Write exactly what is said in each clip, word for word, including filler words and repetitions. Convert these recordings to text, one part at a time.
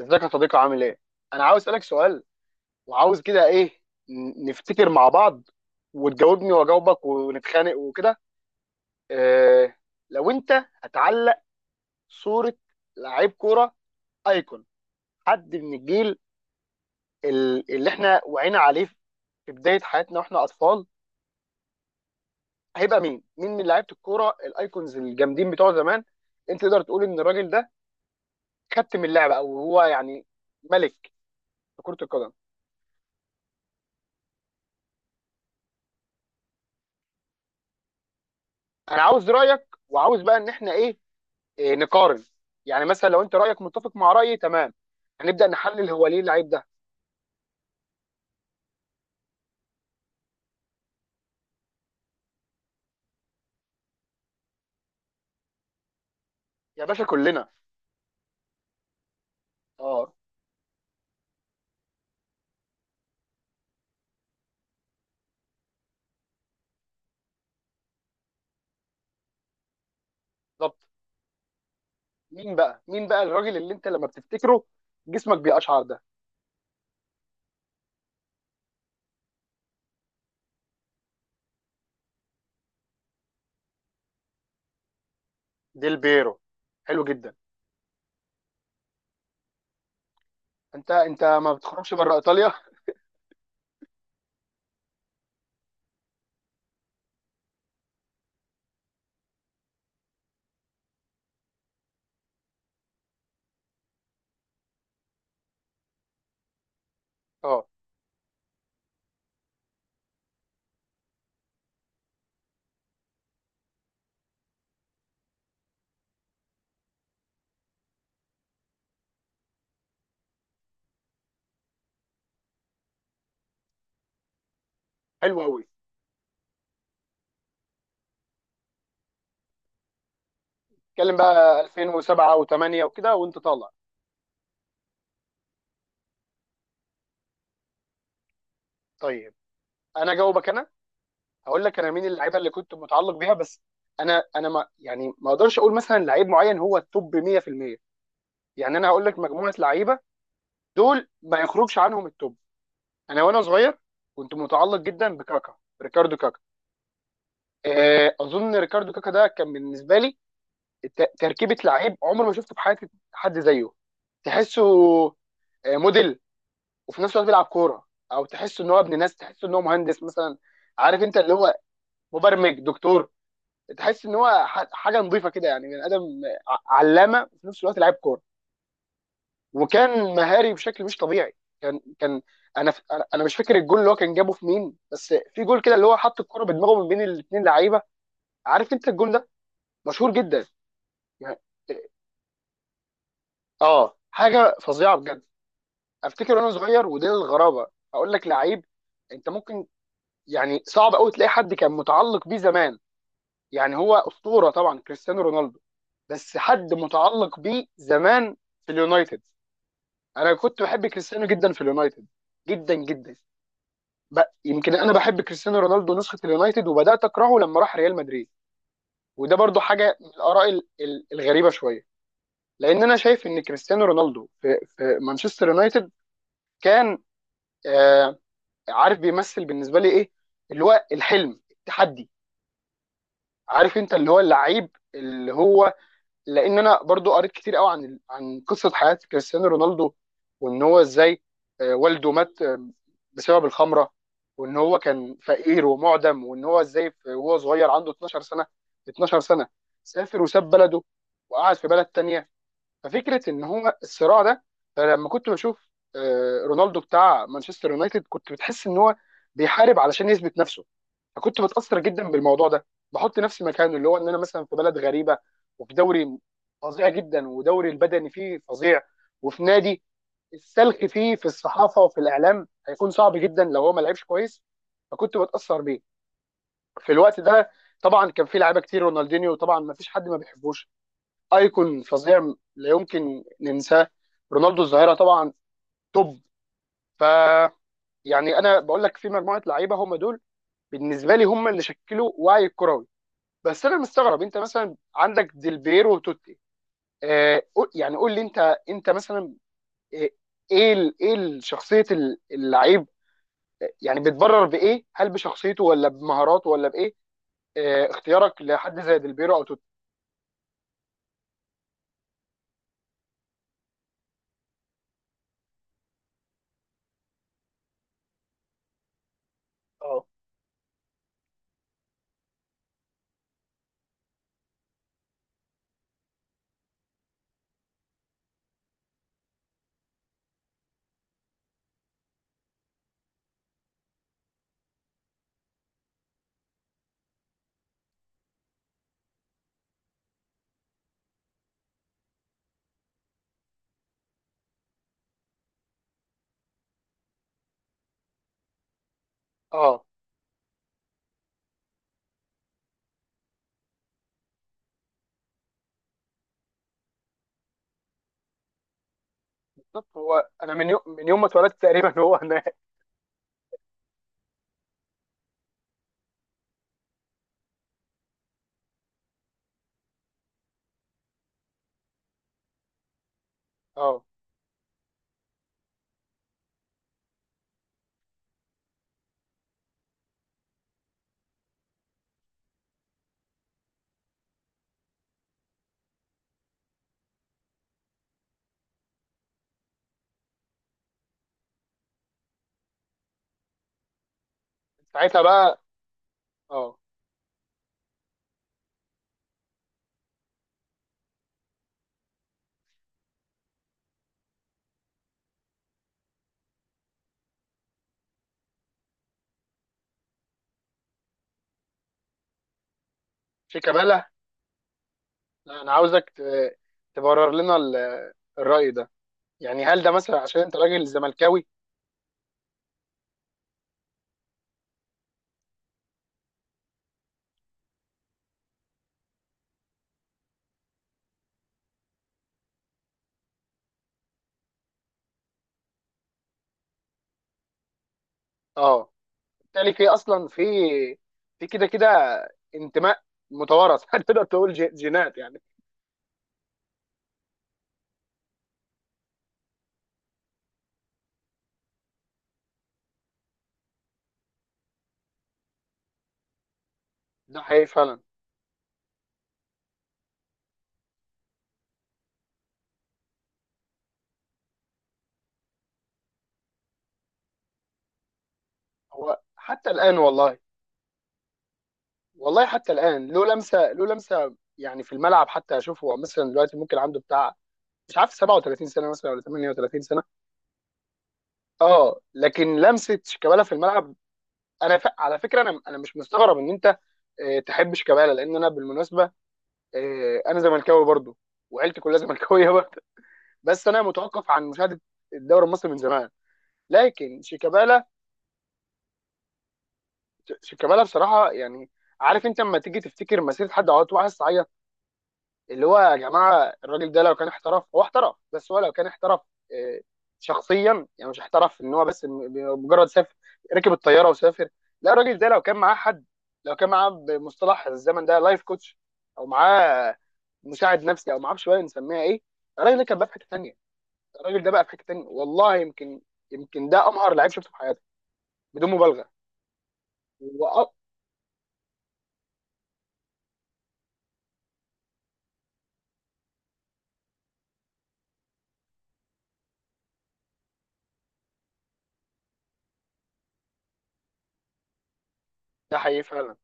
ازيك يا صديقي، عامل ايه؟ انا عاوز اسالك سؤال، وعاوز كده ايه، ن- نفتكر مع بعض، وتجاوبني واجاوبك ونتخانق وكده. إيه، لو انت هتعلق صوره لعيب كوره ايكون، حد من الجيل ال- اللي احنا وعينا عليه في بدايه حياتنا واحنا اطفال، هيبقى مين؟ مين من لعيبه الكوره الايكونز الجامدين بتوع زمان انت تقدر تقول ان الراجل ده كابتن اللعبه، او هو يعني ملك في كره القدم؟ انا عاوز رايك، وعاوز بقى ان احنا ايه إيه، نقارن. يعني مثلا لو انت رايك متفق مع رايي تمام، هنبدا نحلل هو ليه اللعيب ده. يا باشا كلنا. اه. بالظبط. مين بقى مين بقى الراجل اللي انت لما بتفتكره جسمك بيقشعر ده؟ ديل بيرو. حلو جدا. انت انت ما بتخرجش بره ايطاليا. اه. حلو قوي. اتكلم بقى ألفين وسبعة وتمنية وكده وانت طالع. طيب انا جاوبك، انا هقول لك انا مين اللعيبه اللي كنت متعلق بيها بس. انا انا ما يعني ما اقدرش اقول مثلا لعيب معين هو التوب مية في المية. يعني انا هقول لك مجموعه لعيبه، دول ما يخرجش عنهم التوب. انا وانا صغير كنت متعلق جدا بكاكا. ريكاردو كاكا. آه، اظن ريكاردو كاكا ده كان بالنسبه لي ت- تركيبه لعيب عمري ما شفته في حياتي حد زيه. تحسه آه، موديل، وفي نفس الوقت بيلعب كوره. او تحسه ان هو ابن ناس، تحسه ان هو مهندس مثلا. عارف انت، اللي هو مبرمج، دكتور. تحس ان هو ح- حاجه نظيفه كده، يعني بني ادم، ع- علامه، وفي نفس الوقت لعيب كوره. وكان مهاري بشكل مش طبيعي. كان كان انا ف... انا أنا مش فاكر الجول اللي هو كان جابه في مين، بس في جول كده اللي هو حط الكرة بدماغه من بين الاثنين لعيبه. عارف انت الجول ده، مشهور جدا يعني. اه، حاجه فظيعه بجد. افتكر وانا صغير، ودي الغرابه، اقول لك لعيب انت ممكن يعني صعب قوي تلاقي حد كان متعلق بيه زمان. يعني هو اسطوره طبعا، كريستيانو رونالدو، بس حد متعلق بيه زمان في اليونايتد. انا كنت بحب كريستيانو جدا في اليونايتد. جدا جدا. ب... يمكن انا بحب كريستيانو رونالدو نسخه اليونايتد، وبدات اكرهه لما راح ريال مدريد. وده برضو حاجه من الاراء ال- ال- الغريبه شويه. لان انا شايف ان كريستيانو رونالدو في, في مانشستر يونايتد كان آه عارف بيمثل بالنسبه لي ايه، اللي هو الحلم، التحدي. عارف انت، اللي هو اللعيب اللي هو، لان انا برضو قريت كتير قوي عن ال- عن قصه حياه كريستيانو رونالدو، وان هو ازاي آه، والده مات آه، بسبب الخمره، وان هو كان فقير ومعدم، وان هو ازاي في- وهو صغير عنده اتناشر سنه. اتناشر سنه سافر وساب بلده وقعد في بلد تانية. ففكره ان هو الصراع ده، فلما كنت بشوف آه، رونالدو بتاع مانشستر يونايتد، كنت بتحس ان هو بيحارب علشان يثبت نفسه. فكنت بتاثر جدا بالموضوع ده، بحط نفسي مكانه، اللي هو ان انا مثلا في بلد غريبه، وفي دوري فظيع جدا، ودوري البدني فيه فظيع، وفي نادي السلخ فيه في الصحافه وفي الاعلام، هيكون صعب جدا لو هو ما لعبش كويس. فكنت بتاثر بيه في الوقت ده. طبعا كان في لعيبه كتير. رونالدينيو طبعا، ما فيش حد ما بيحبوش، ايكون فظيع، لا يمكن ننساه. رونالدو الظاهره طبعا، توب. ف يعني انا بقول لك في مجموعه لعيبه، هم دول بالنسبه لي هم اللي شكلوا وعي الكروي. بس انا مستغرب انت مثلا عندك ديلبيرو وتوتي. آه، قول- يعني قول لي انت، انت مثلا، آه، ايه ال- ايه ال- شخصيه ال- اللعيب، آه، يعني بتبرر بايه؟ هل بشخصيته، ولا بمهاراته، ولا بايه؟ آه، اختيارك لحد زي ديلبيرو او توتي. اه اه. بالظبط. هو انا من يوم من يوم ما اتولدت تقريبا هو انا. اه. ساعتها بقى. اه. شيكابالا. لا، انا عاوزك ت- تبرر لنا ال- الرأي ده. يعني هل ده مثلا عشان انت راجل زملكاوي؟ اه. تالي اصلا في في كده كده انتماء متوارث. تقدر تقول جي- جينات يعني. ده حقيقي فعلا. هو حتى الان والله. والله حتى الان له لمسه، له لمسه يعني في الملعب. حتى اشوفه مثلا دلوقتي، ممكن عنده بتاع مش عارف سبع وثلاثين سنه مثلا ولا تمنية وتلاتين سنه. اه، لكن لمسه شيكابالا في الملعب. انا ف... على فكره، انا انا مش مستغرب ان انت آه، تحب شيكابالا، لان انا بالمناسبه آه، انا زملكاوي برضو، وعيلتي كلها زملكاويه برضو. بس انا متوقف عن مشاهده الدوري المصري من زمان. لكن شيكابالا، شيكابالا بصراحه يعني، عارف انت لما تيجي تفتكر مسيره حد، عاطل وعايز تعيط. اللي هو يا جماعه، الراجل ده لو كان احترف، هو احترف بس، هو لو كان احترف آه، شخصيا يعني، مش احترف ان هو بس م- مجرد سافر، ركب الطياره وسافر، لا. الراجل ده لو كان معاه حد، لو كان معاه بمصطلح الزمن ده لايف كوتش، او معاه مساعد نفسي او معرفش بقى نسميها ايه، الراجل ده كان بقى في حته ثانيه. الراجل ده بقى في حته ثانيه والله. يمكن، يمكن ده امهر لعيب شفته في حياتي، بدون مبالغه. و- ده حقيقي فعلا.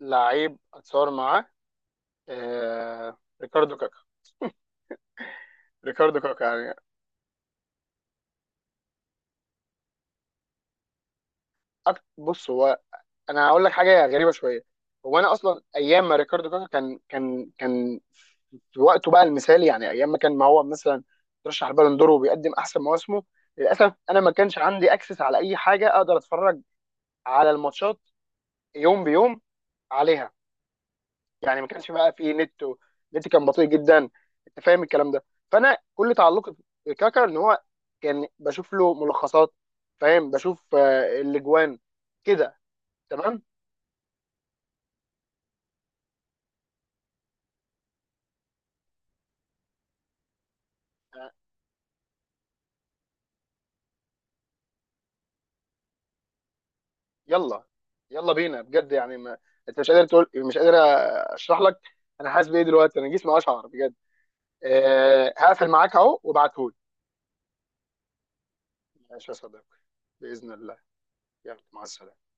لعيب اتصور معاه، آه... ريكاردو كاكا. ريكاردو كاكا يعني. أك... بص، هو انا هقول لك حاجه غريبه شويه. هو انا اصلا ايام ما ريكاردو كاكا كان كان كان في وقته بقى المثالي، يعني ايام ما كان ما هو مثلا ترشح البالون دور وبيقدم احسن مواسمه، للاسف انا ما كانش عندي اكسس على اي حاجه اقدر اتفرج على الماتشات يوم بيوم عليها. يعني ما كانش بقى فيه نت و... النت كان بطيء جدا. انت فاهم الكلام ده. فانا كل تعلقي بكاكا ان هو كان بشوف له ملخصات. فاهم، بشوف آه، الاجوان كده. تمام. آه، يلا، يلا بينا بجد يعني ما... انت مش قادر تقول مش قادر اشرح لك. انا حاسس بايه دلوقتي؟ انا جسمي اشعر بجد. أه... هقفل معاك اهو وابعتهولي. ماشي يا صديقي، باذن الله. يلا مع السلامه.